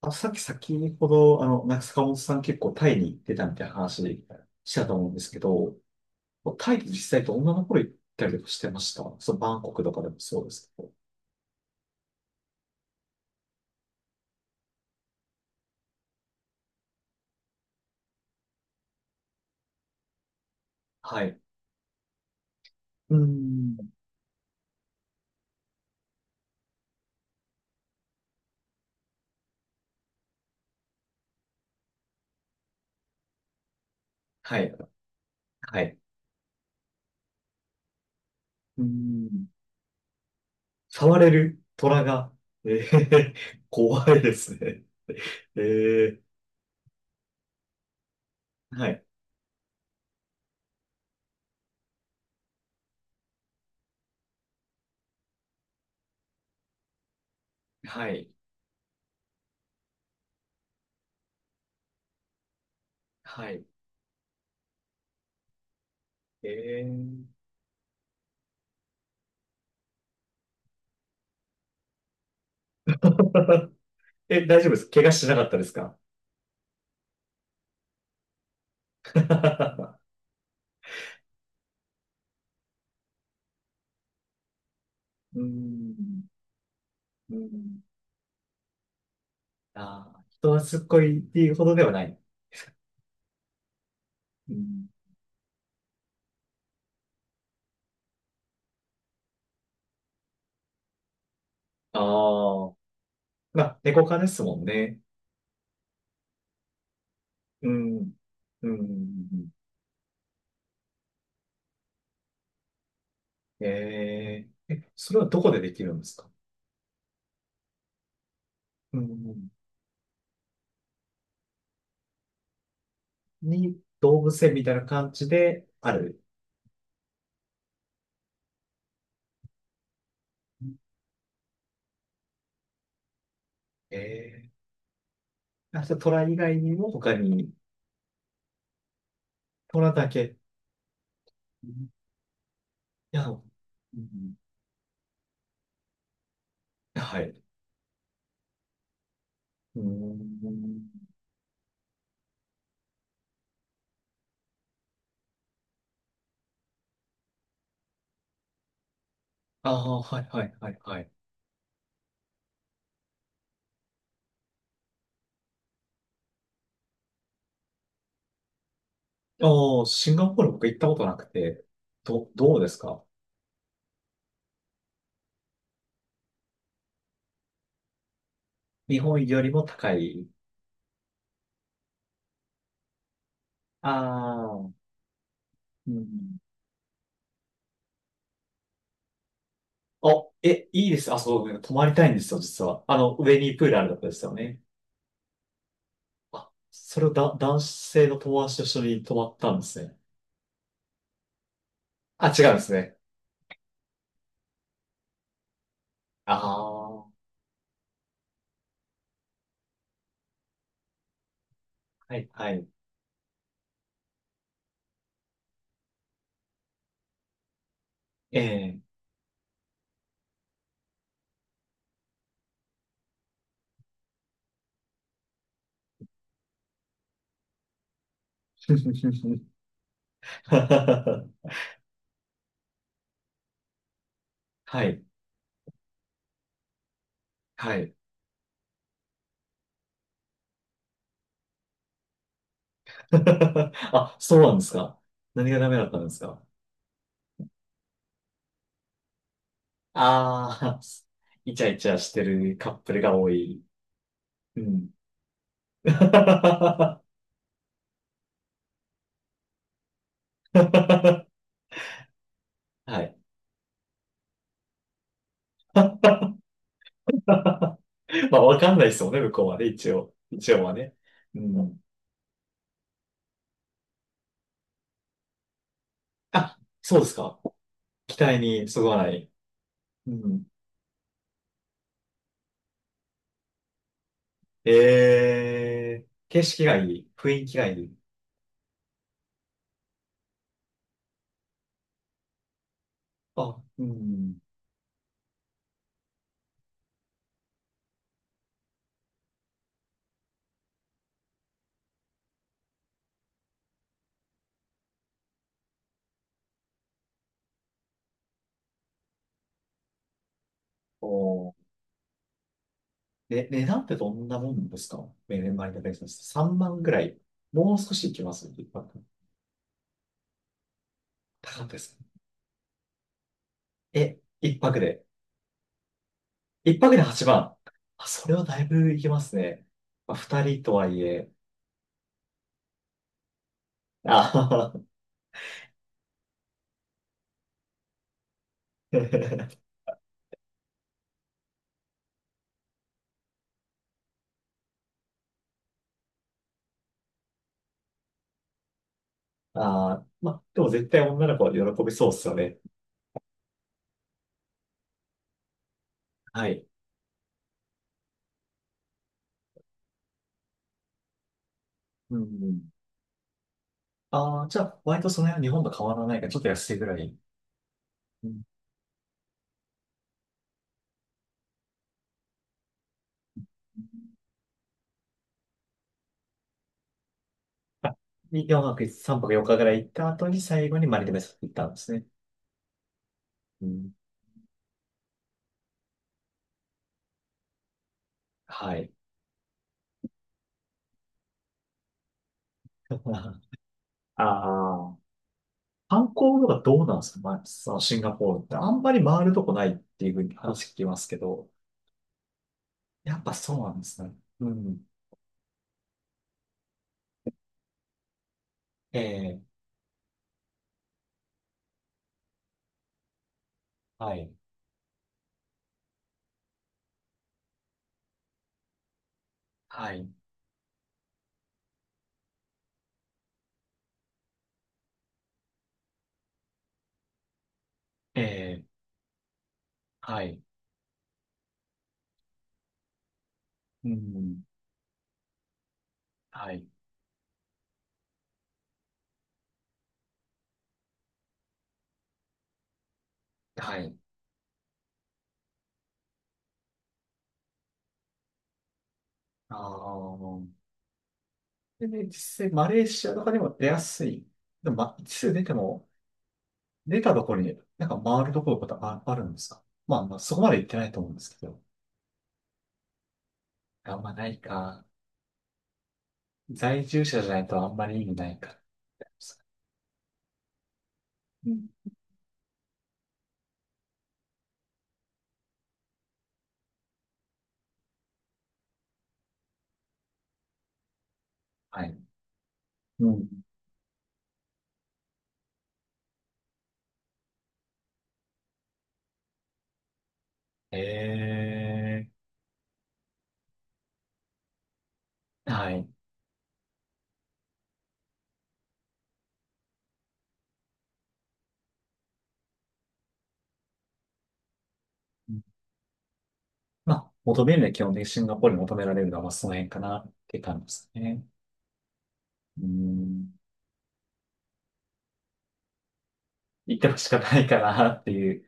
あ、さっき先ほど、中塚本さん結構タイに行ってたみたいな話したと思うんですけど、タイで実際と女の頃行ったりとかしてました。そう、バンコクとかでもそうですけど。はい。うーん。はい。はい。うーん。触れる虎が、えー、怖いですね。えー、はい。はい。はい。えー、え、大丈夫です。怪我しなかったですか？ うーん。うーんああ、人はすっごいっていうほどではない。うん、ああ、まあ、猫科ですもんね。うん。うん。えー、え、それはどこでできるんですか？うん。に、動物園みたいな感じである。えー、あ、じゃあ、虎以外にも他に、虎だけ。うんいや、うん、はい。うん。ああ、はい、はい、はい、はい。ああ、シンガポール僕行ったことなくて、どうですか？日本よりも高い。ああ、うん。お、え、いいです。あ、そう、泊まりたいんですよ、実は。上にプールあるとこですよね。あ、それをだ、男性の友達と一緒に泊まったんですね。あ、違うんですね。ああ、はい、はい。ええ はい、はい。あ、そうなんですか。何がダメだったんですか。ああー、イチャイチャしてるカップルが多い。うん。はい。まあ、わかんないですもんね、向こうはね、一応。一応はね。うん。あ、そうですか。期待にそぐわない。うん。えー、景色がいい。雰囲気がいい。あ、うん。おー、ね、値段ってどんなもんですか？メ年前のベースです。3万ぐらい。もう少し行きます一泊？高かったですね。え、一泊で。一泊で8万。あ、それはだいぶ行きますね。まあ、二人とはいえ。あははああ、まあ、でも絶対女の子は喜びそうっすよね。はい。うん。ああ、じゃあ、割とその辺は日本と変わらないから、ちょっと安いぐらい。うん。あ、4泊、3泊4日ぐらい行った後に、最後にマリトメス行ったんですね。うん。はい。ああ、観光とかどうなんですか、まあ、そのシンガポールって。あんまり回るとこないっていうふうに話聞きますけど、やっぱそうなんですね。うん。ええはい。はい。ええはい。うん。はい。はい。ああ。でね、実際マレーシアとかでも出やすい。でも、ま、一際出ても、出たところになんか回るところとかあるんですか？まあ、まあ、そこまで行ってないと思うんですけど。あんまないか。在住者じゃないとあんまり意味ないか。うんはい。うん。ええはい。まあ、求めるのは基本的にシンガポールに求められるのは、まあ、その辺かなって感じですね。うん。行ってほしかないかなっていう。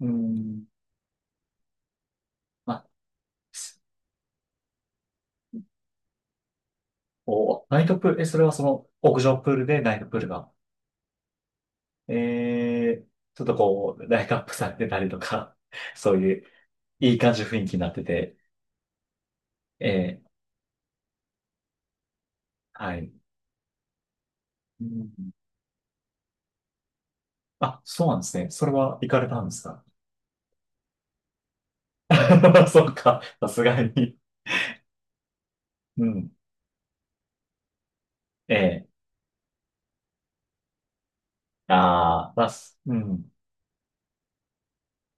うん。まあ、お、ナイトプール、え、それはその屋上プールでナイトプールが、えー、ちょっとこう、ライトアップされてたりとか、そういう、いい感じの雰囲気になってて、えー、はい。うん、あ、そうなんですね。それは行かれたんですか？ そうか、さすがに。うん。ええああまあ、すうん。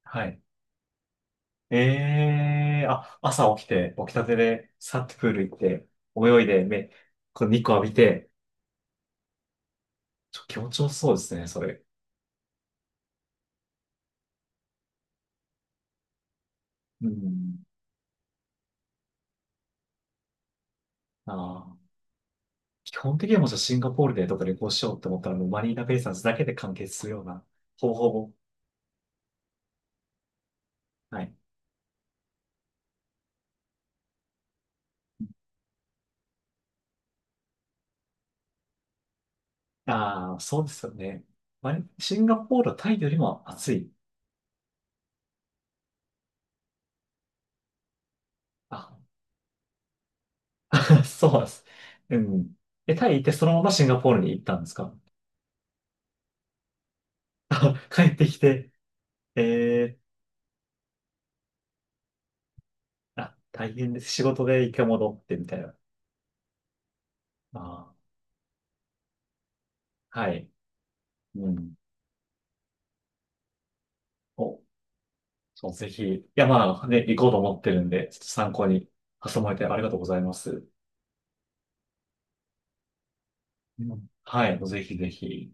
はい。ええあ、朝起きて、起きたてで、さっとプール行って、泳いで、目、こう、日光浴びて、気持ちよさそうですね、それ。うん。ああ基本的にはもうじゃあシンガポールでどっか旅行しようって思ったらもうマリーナベイサンズだけで完結するような方法も。はい。ああ、そうですよね。マリシンガポールはタイよりも暑い？あ、そうなんです。うん。え、タイ行ってそのままシンガポールに行ったんですか？あ 帰ってきて、えーあ、大変です。仕事で一回戻ってみたいな。あーはい。うん。お、そう、ぜひ。いや、まあね、行こうと思ってるんで、ちょっと参考に挟まれてありがとうございます。うんはい、ぜひぜひ。